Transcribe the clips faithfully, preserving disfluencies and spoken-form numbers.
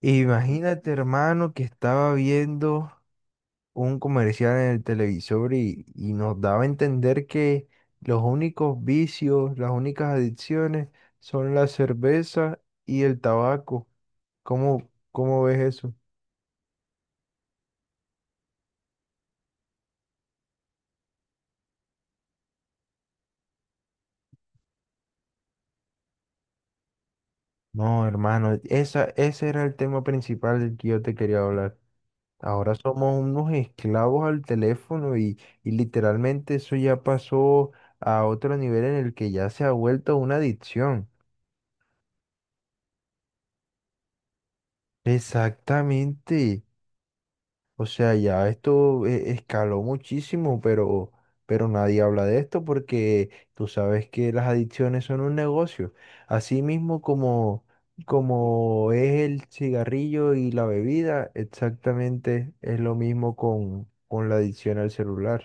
Imagínate, hermano, que estaba viendo un comercial en el televisor y, y nos daba a entender que los únicos vicios, las únicas adicciones son la cerveza y el tabaco. ¿Cómo, cómo ves eso? No, hermano, esa, ese era el tema principal del que yo te quería hablar. Ahora somos unos esclavos al teléfono y, y literalmente eso ya pasó a otro nivel en el que ya se ha vuelto una adicción. Exactamente. O sea, ya esto eh, escaló muchísimo, pero, pero nadie habla de esto porque tú sabes que las adicciones son un negocio. Así mismo como, como es el cigarrillo y la bebida, exactamente es lo mismo con, con la adicción al celular.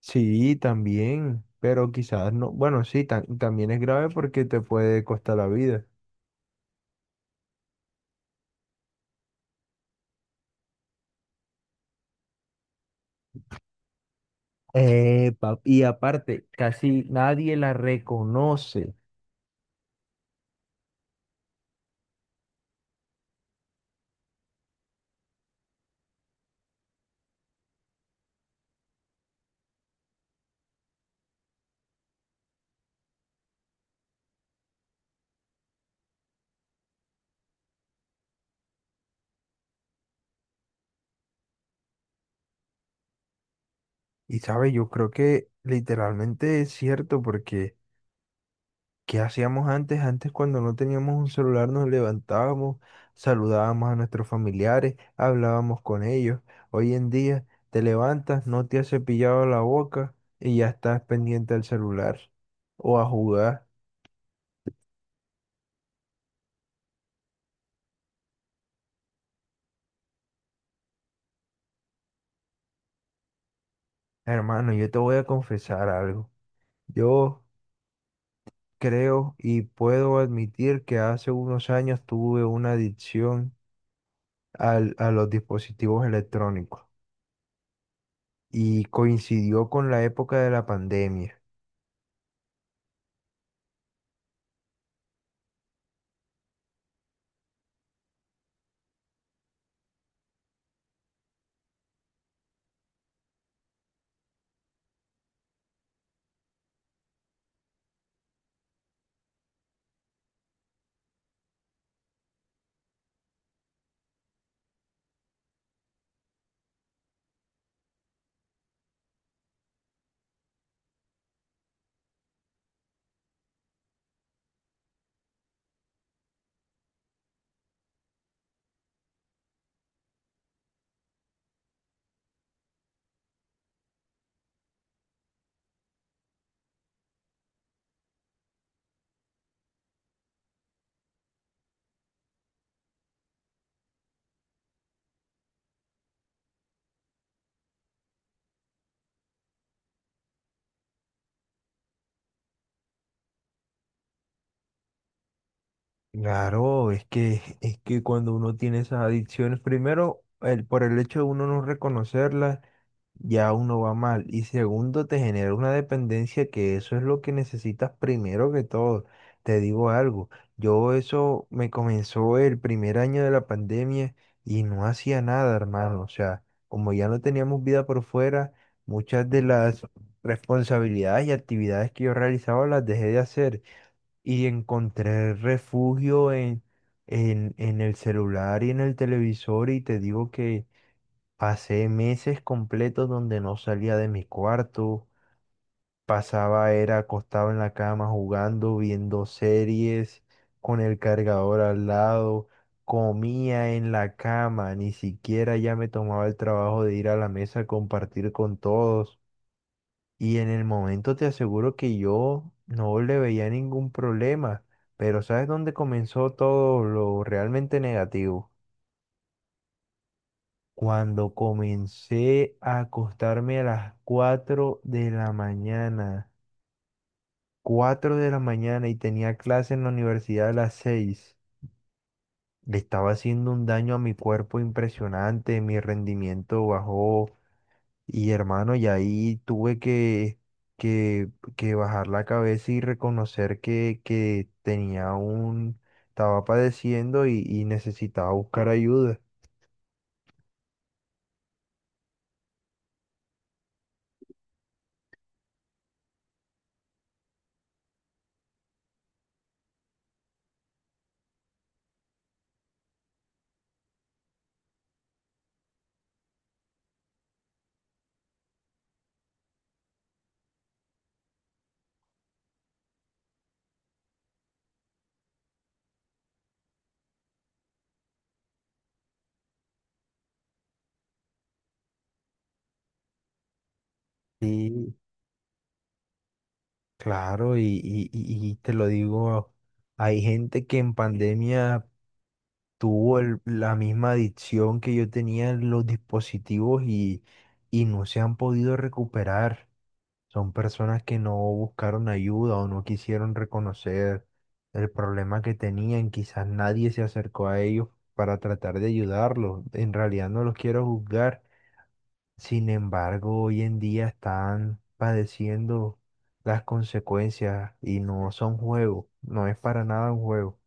Sí, también, pero quizás no. Bueno, sí, tam- también es grave porque te puede costar la vida. Epa, y aparte, casi nadie la reconoce. Y sabes, yo creo que literalmente es cierto porque ¿qué hacíamos antes? Antes cuando no teníamos un celular nos levantábamos, saludábamos a nuestros familiares, hablábamos con ellos. Hoy en día te levantas, no te has cepillado la boca y ya estás pendiente al celular o a jugar. Hermano, yo te voy a confesar algo. Yo creo y puedo admitir que hace unos años tuve una adicción al- a los dispositivos electrónicos y coincidió con la época de la pandemia. Claro, es que, es que cuando uno tiene esas adicciones, primero, el, por el hecho de uno no reconocerlas, ya uno va mal. Y segundo, te genera una dependencia que eso es lo que necesitas primero que todo. Te digo algo, yo eso me comenzó el primer año de la pandemia y no hacía nada, hermano. O sea, como ya no teníamos vida por fuera, muchas de las responsabilidades y actividades que yo realizaba las dejé de hacer y encontré refugio en, en, en el celular y en el televisor y te digo que pasé meses completos donde no salía de mi cuarto, pasaba, era acostado en la cama jugando, viendo series, con el cargador al lado, comía en la cama, ni siquiera ya me tomaba el trabajo de ir a la mesa a compartir con todos. Y en el momento te aseguro que yo no le veía ningún problema, pero ¿sabes dónde comenzó todo lo realmente negativo? Cuando comencé a acostarme a las cuatro de la mañana, cuatro de la mañana y tenía clase en la universidad a las seis le estaba haciendo un daño a mi cuerpo impresionante, mi rendimiento bajó. Y hermano, y ahí tuve que, que, que bajar la cabeza y reconocer que, que tenía un, estaba padeciendo y, y necesitaba buscar ayuda. Sí, claro, y, y, y- y te lo digo, hay gente que en pandemia tuvo el- la misma adicción que yo tenía en los dispositivos y, y no se han podido recuperar. Son personas que no buscaron ayuda o no quisieron reconocer el problema que tenían. Quizás nadie se acercó a ellos para tratar de ayudarlos. En realidad no los quiero juzgar. Sin embargo, hoy en día están padeciendo las consecuencias y no son juegos. No es para nada un juego.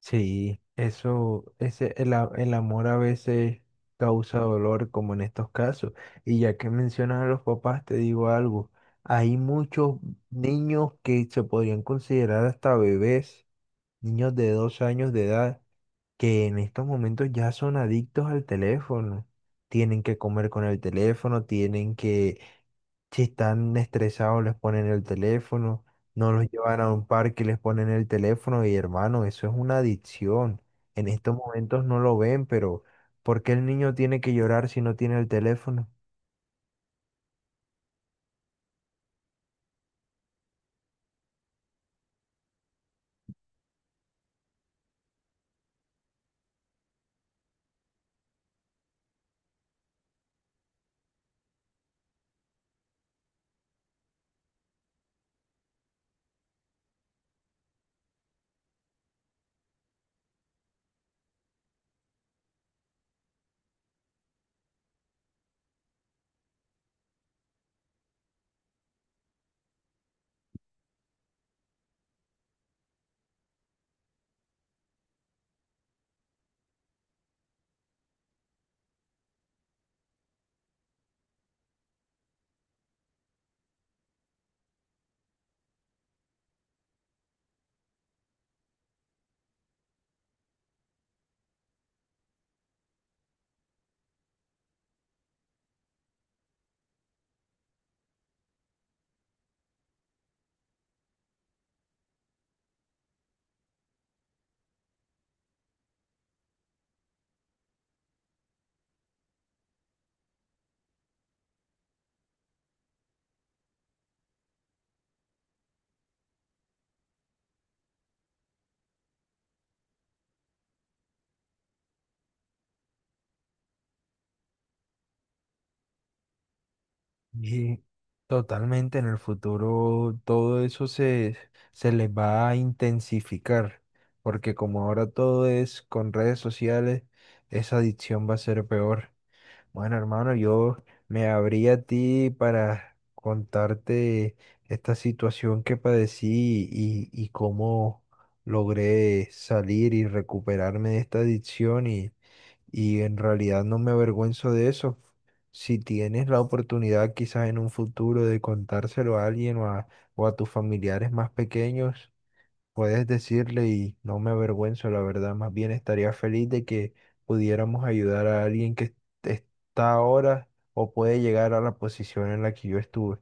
Sí, eso, ese, el, a- el amor a veces causa dolor, como en estos casos. Y ya que mencionas a los papás, te digo algo. Hay muchos niños que se podrían considerar hasta bebés, niños de dos años de edad, que en estos momentos ya son adictos al teléfono. Tienen que comer con el teléfono, tienen que si están estresados, les ponen el teléfono, no los llevan a un parque, les ponen el teléfono y hermano, eso es una adicción. En estos momentos no lo ven, pero ¿por qué el niño tiene que llorar si no tiene el teléfono? Y totalmente en el futuro todo eso se, se les va a intensificar, porque como ahora todo es con redes sociales, esa adicción va a ser peor. Bueno, hermano, yo me abrí a ti para contarte esta situación que padecí y, y cómo logré salir y recuperarme de esta adicción y, y en realidad no me avergüenzo de eso. Si tienes la oportunidad quizás en un futuro de contárselo a alguien o a, o a tus familiares más pequeños, puedes decirle y no me avergüenzo, la verdad, más bien estaría feliz de que pudiéramos ayudar a alguien que est- está ahora o puede llegar a la posición en la que yo estuve.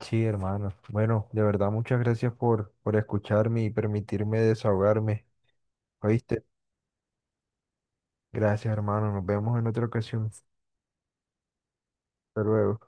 Sí, hermano. Bueno, de verdad, muchas gracias por, por escucharme y permitirme desahogarme. ¿Oíste? Gracias, hermano. Nos vemos en otra ocasión. Hasta luego.